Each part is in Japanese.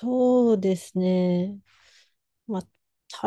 そうですね。まあ、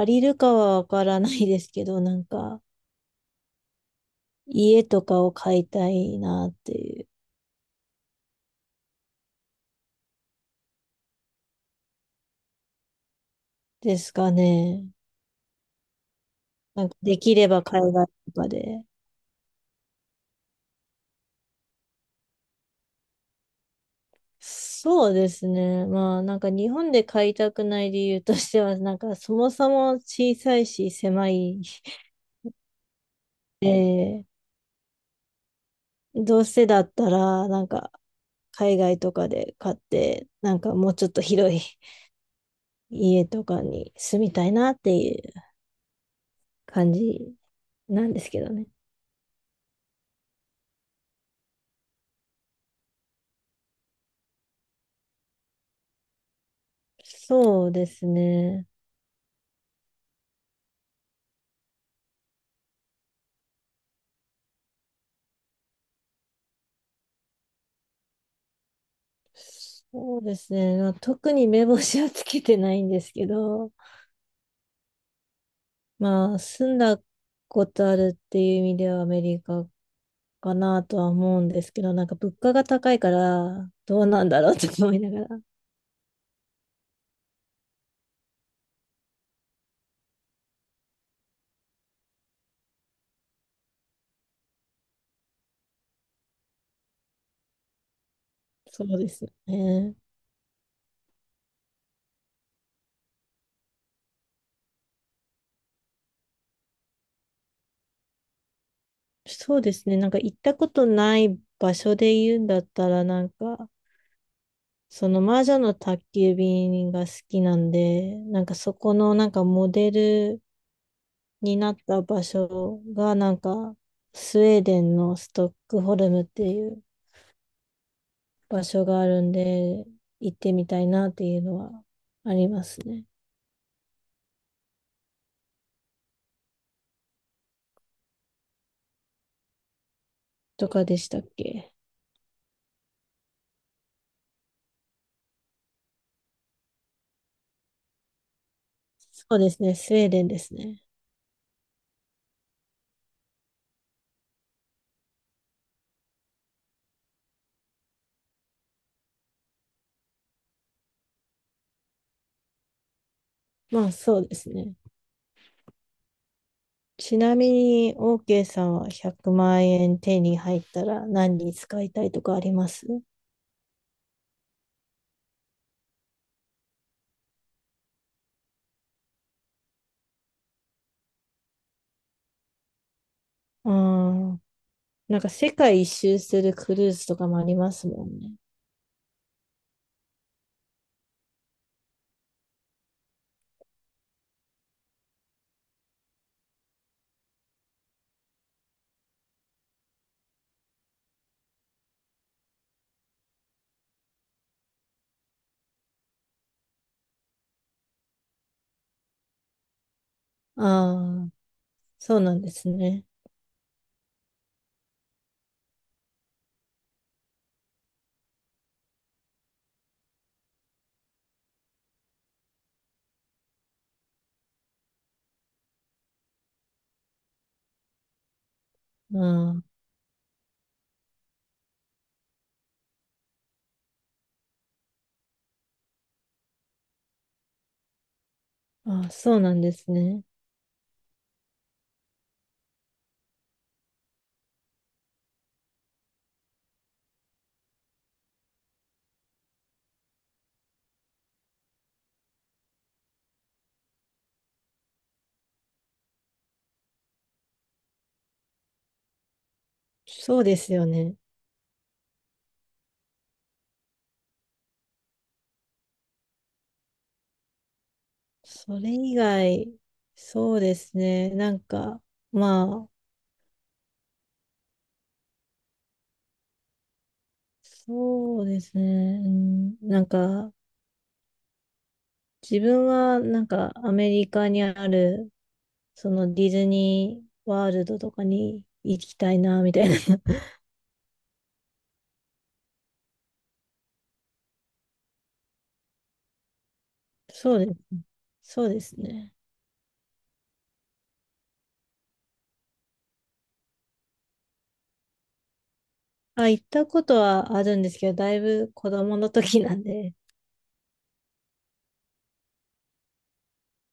足りるかはわからないですけど、家とかを買いたいなっていう、ですかね。できれば海外とかで。そうですね。まあ、なんか日本で買いたくない理由としては、なんかそもそも小さいし狭い。で、どうせだったら、海外とかで買って、なんかもうちょっと広い 家とかに住みたいなっていう。感じなんですけどね。そうですね。そうですね。まあ、特に目星はつけてないんですけど、まあ、住んだことあるっていう意味ではアメリカかなとは思うんですけど、なんか物価が高いから、どうなんだろうと思いながら。そうですよね。そうですね。なんか行ったことない場所で言うんだったら、その魔女の宅急便が好きなんで、なんかそこのなんかモデルになった場所がなんかスウェーデンのストックホルムっていう場所があるんで行ってみたいなっていうのはありますね。とかでしたっけ？そうですね、スウェーデンですね。まあそうですね。ちなみに OK さんは100万円手に入ったら何に使いたいとかあります？あー、なんか世界一周するクルーズとかもありますもんね。ああ、そうなんですね。ああ。あ、そうなんですね。そうですよね。それ以外、そうですね。まあ、そうですね。うんなんか、自分は、アメリカにある、そのディズニーワールドとかに行きたいな、みたいな。そうです。そうですね。あ、行ったことはあるんですけど、だいぶ子供の時なんで、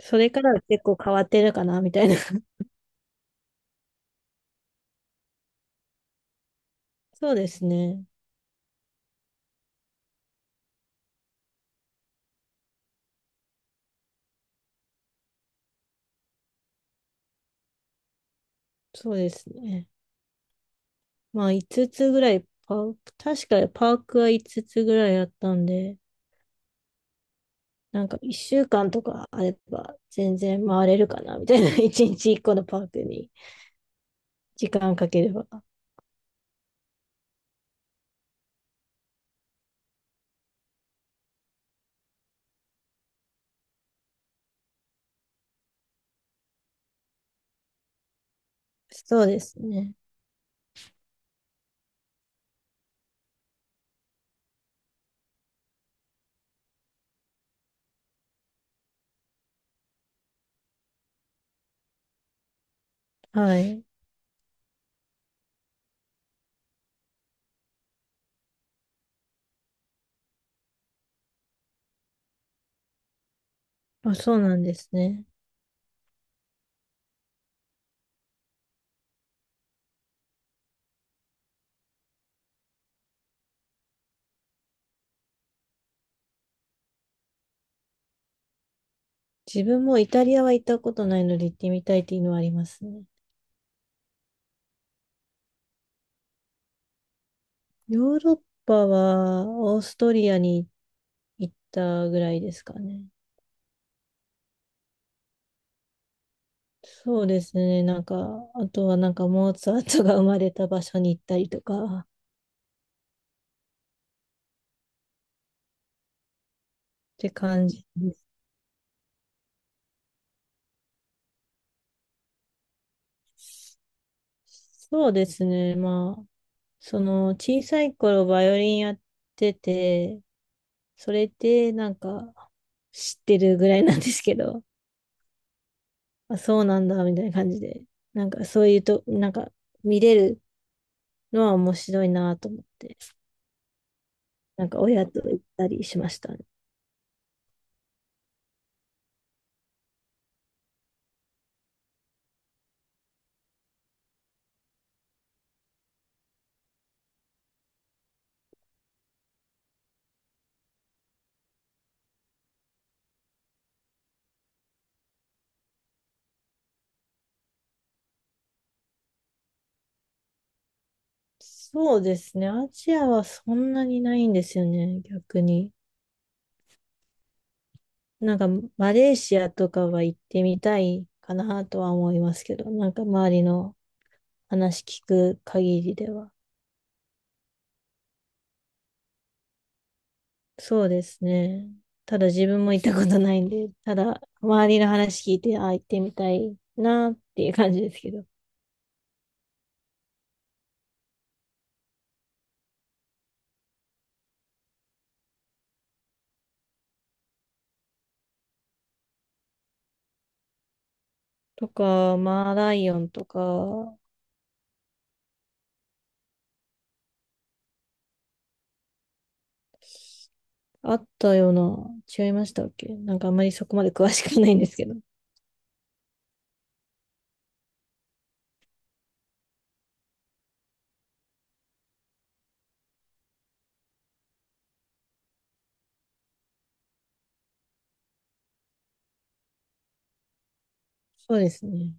それからは結構変わってるかな、みたいな。そうですね。そうですね。まあ5つつぐらいパーク、確かにパークは5つつぐらいあったんで、なんか1週間とかあれば全然回れるかなみたいな、1日1個のパークに時間かければ。そうですね。はい。まあ、そうなんですね。自分もイタリアは行ったことないので行ってみたいっていうのはありますね。ヨーロッパはオーストリアに行ったぐらいですかね。そうですね。なんか、あとはなんかモーツァルトが生まれた場所に行ったりとか、て感じです。そうですね。まあ、その小さい頃バイオリンやってて、それってなんか知ってるぐらいなんですけど、あ、そうなんだみたいな感じで、なんかそういうと、なんか見れるのは面白いなと思って、なんか親と行ったりしましたね。そうですね。アジアはそんなにないんですよね、逆に。なんかマレーシアとかは行ってみたいかなとは思いますけど、なんか周りの話聞く限りでは。そうですね。ただ自分も行ったことないんで、ただ周りの話聞いて、あ、行ってみたいなっていう感じですけど。とか、マーライオンとか、あったような、違いましたっけ？なんかあんまりそこまで詳しくないんですけど。そうですね。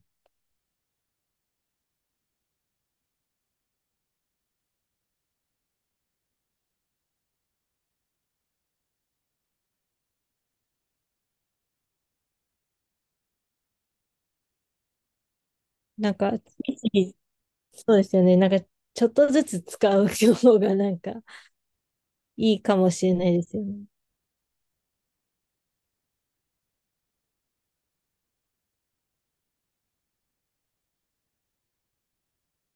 ついついそうですよね。ちょっとずつ使う方がなんかいいかもしれないですよね。